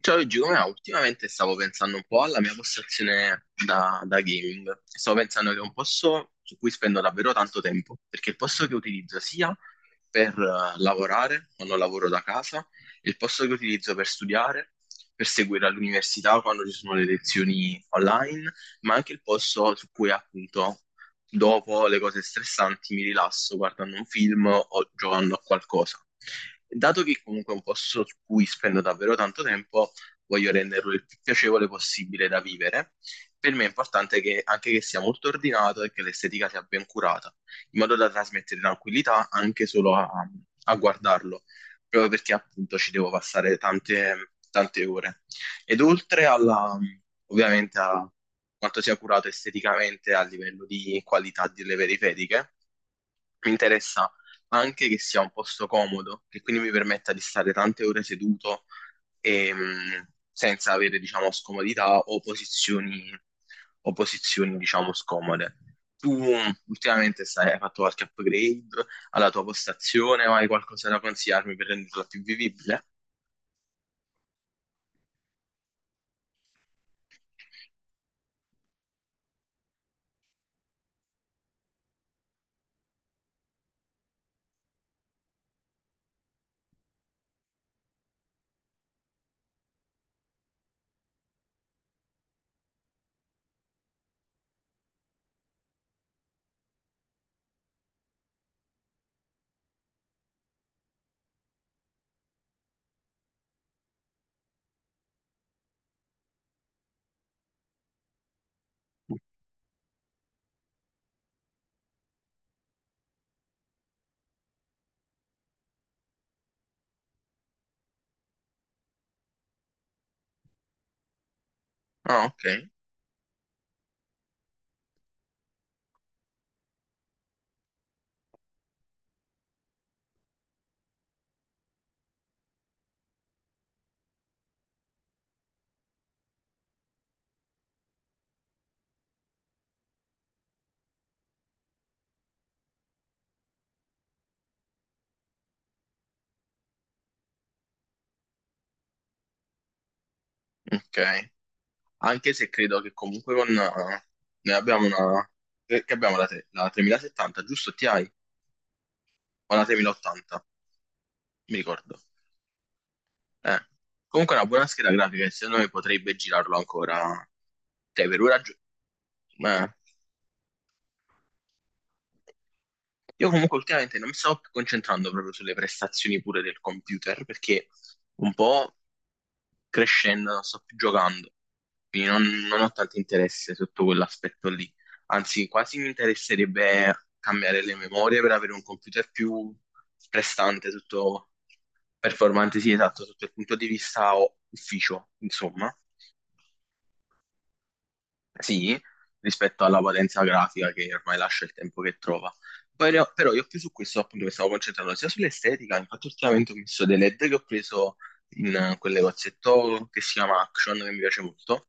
Ciao Giulia, ultimamente stavo pensando un po' alla mia postazione da gaming. Stavo pensando che è un posto su cui spendo davvero tanto tempo, perché è il posto che utilizzo sia per lavorare quando lavoro da casa, il posto che utilizzo per studiare, per seguire all'università quando ci sono le lezioni online, ma anche il posto su cui appunto dopo le cose stressanti mi rilasso guardando un film o giocando a qualcosa. Dato che comunque è un posto su cui spendo davvero tanto tempo, voglio renderlo il più piacevole possibile da vivere. Per me è importante che, anche che sia molto ordinato e che l'estetica sia ben curata, in modo da trasmettere tranquillità anche solo a guardarlo, proprio perché appunto ci devo passare tante, tante ore. Ed oltre alla, ovviamente a quanto sia curato esteticamente a livello di qualità delle periferiche, mi interessa anche che sia un posto comodo, che quindi mi permetta di stare tante ore seduto e, senza avere, diciamo, scomodità o posizioni, diciamo, scomode. Tu ultimamente stai, hai fatto qualche upgrade alla tua postazione o hai qualcosa da consigliarmi per renderla più vivibile? Ah, ok, ok. Anche se credo che comunque con... noi abbiamo una. Che abbiamo la, la 3070, giusto? Ti hai? O la 3080? Mi ricordo. Eh. Comunque è una buona scheda grafica e secondo me potrebbe girarlo ancora. Cioè, per ora... ma io comunque ultimamente non mi sto più concentrando proprio sulle prestazioni pure del computer, perché un po' crescendo, non sto più giocando, quindi non ho tanto interesse sotto quell'aspetto lì. Anzi, quasi mi interesserebbe cambiare le memorie per avere un computer più prestante sotto performante, sì, esatto, sotto il punto di vista ufficio, insomma. Sì, rispetto alla potenza grafica che ormai lascia il tempo che trova. Poi però io più su questo appunto mi stavo concentrando sia sull'estetica, infatti ultimamente ho messo dei LED che ho preso in quel negozietto che si chiama Action, che mi piace molto,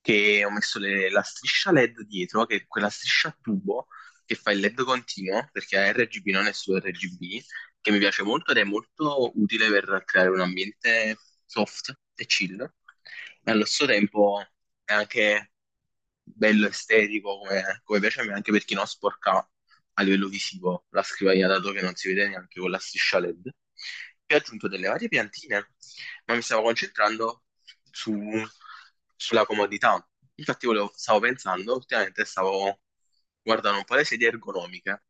che ho messo la striscia LED dietro, che è quella striscia a tubo che fa il LED continuo, perché è RGB, non è solo RGB, che mi piace molto ed è molto utile per creare un ambiente soft e chill. E allo stesso tempo è anche bello estetico come, come piace a me, anche per chi non sporca a livello visivo la scrivania, dato che non si vede neanche con la striscia LED. Poi ho aggiunto delle varie piantine, ma mi stavo concentrando su, sulla comodità. Infatti stavo pensando, ultimamente stavo guardando un po' le sedie ergonomiche,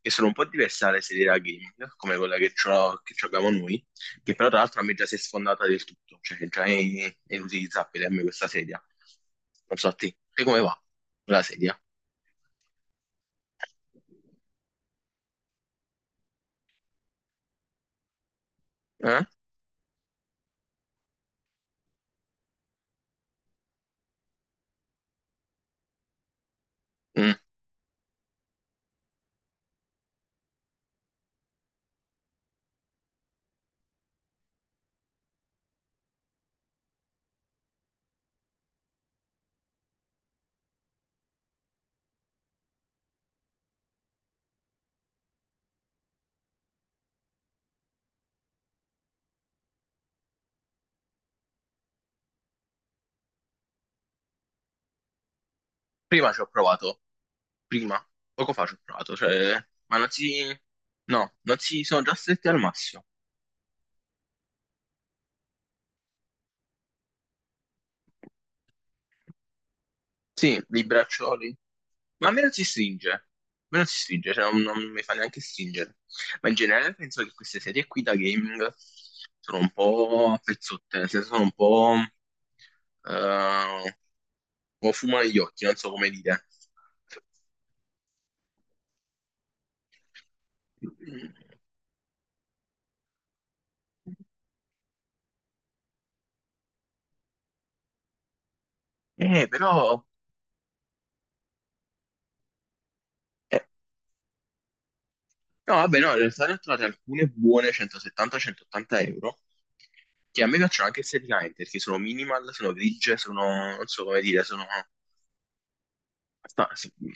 che sono un po' diverse dalle sedie da gaming, come quella che che abbiamo noi che però tra l'altro a me già si è sfondata del tutto, cioè che già è inutilizzabile a me questa sedia. Non so a te, te come va la sedia? Eh? Mm. Prima ci ho provato, prima, poco fa ci ho provato, cioè, ma non si, no, non si sono già stretti al massimo. Sì, i braccioli. Ma a me non si stringe. A me non si stringe, cioè non mi fa neanche stringere. Ma in generale penso che queste serie qui da gaming sono un po' a pezzotte, nel senso sono un po'... eh, o fumo negli occhi, non so come dire. Però... eh, no, vabbè, no, in realtà ne ho trovate alcune buone 170-180 euro, che a me piacciono anche esteticamente, perché sono minimal, sono grigie, sono, non so come dire, sono... sta- s- mm.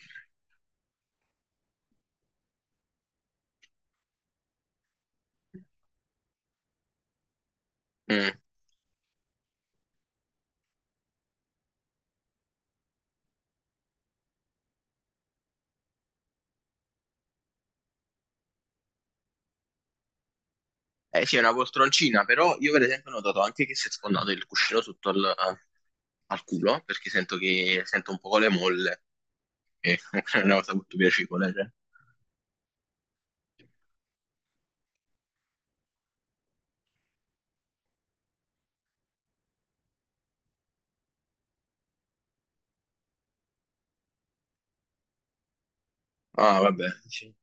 Mm. Eh sì, è una poltroncina, però io per esempio ho notato anche che si è sfondato il cuscino sotto al, al culo, perché sento che sento un po' le molle, e è una cosa molto piacevole, cioè. Ah, vabbè, sì,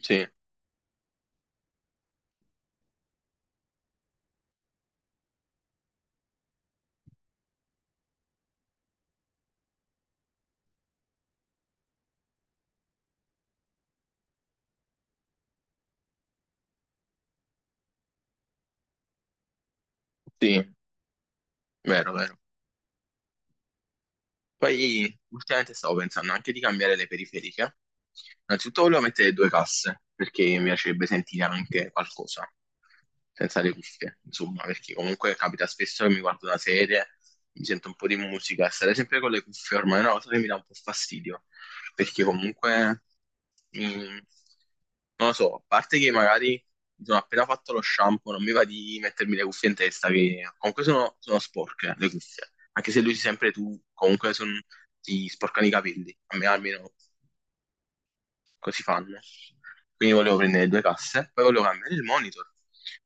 sì, sì, vero, vero. Poi ultimamente stavo pensando anche di cambiare le periferiche. Innanzitutto volevo mettere due casse, perché mi piacerebbe sentire anche qualcosa, senza le cuffie, insomma, perché comunque capita spesso che mi guardo una serie, mi sento un po' di musica, e stare sempre con le cuffie ormai è una cosa che mi dà un po' fastidio, perché comunque, mm, non lo so, a parte che magari mi sono appena fatto lo shampoo, non mi va di mettermi le cuffie in testa, che comunque sono, sono sporche le cuffie anche se lui si sempre tu, ti sporcano i capelli, a me almeno così fanno. Quindi volevo prendere due casse, poi volevo cambiare il monitor,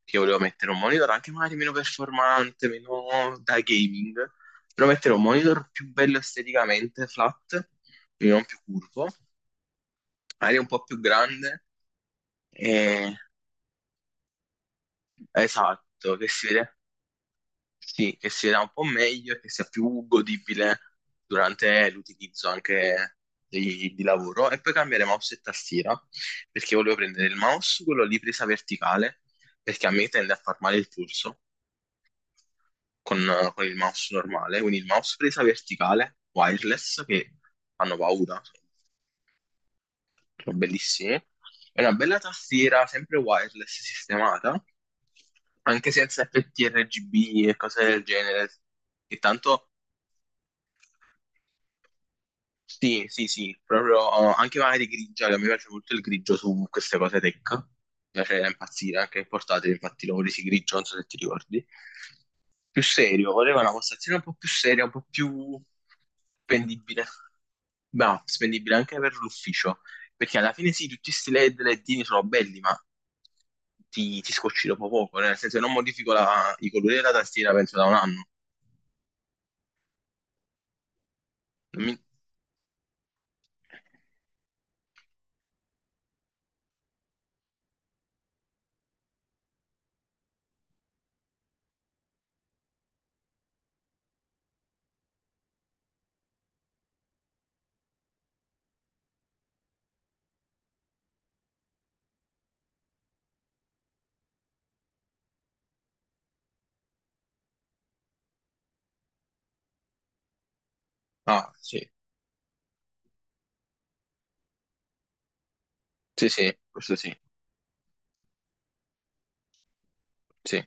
perché volevo mettere un monitor anche magari meno performante, meno da gaming, però mettere un monitor più bello esteticamente, flat, quindi non più curvo, magari un po' più grande, e... esatto, che si vede sì, che sia un po' meglio e che sia più godibile durante l'utilizzo anche di lavoro. E poi cambiare mouse e tastiera, perché volevo prendere il mouse, quello lì presa verticale, perché a me tende a far male il polso con, con il mouse normale. Quindi il mouse presa verticale, wireless, che fanno paura, sono bellissimi. E una bella tastiera, sempre wireless sistemata, anche senza FTRGB e cose del genere, che tanto sì, sì, sì, proprio oh, anche magari grigia, che mi piace molto il grigio su queste cose tech. Mi piace impazzire, anche il portatile, infatti l'ho presi grigio, non so se ti ricordi. Più serio, voleva una postazione un po' più seria, un po' più spendibile. Ma spendibile anche per l'ufficio, perché alla fine sì, tutti questi LED, ledini sono belli, ma ti scocci dopo poco, nel senso che non modifico i colori della tastiera, penso da 1 anno. Non mi- Ah, sì, sì, sì, questo sì, sì.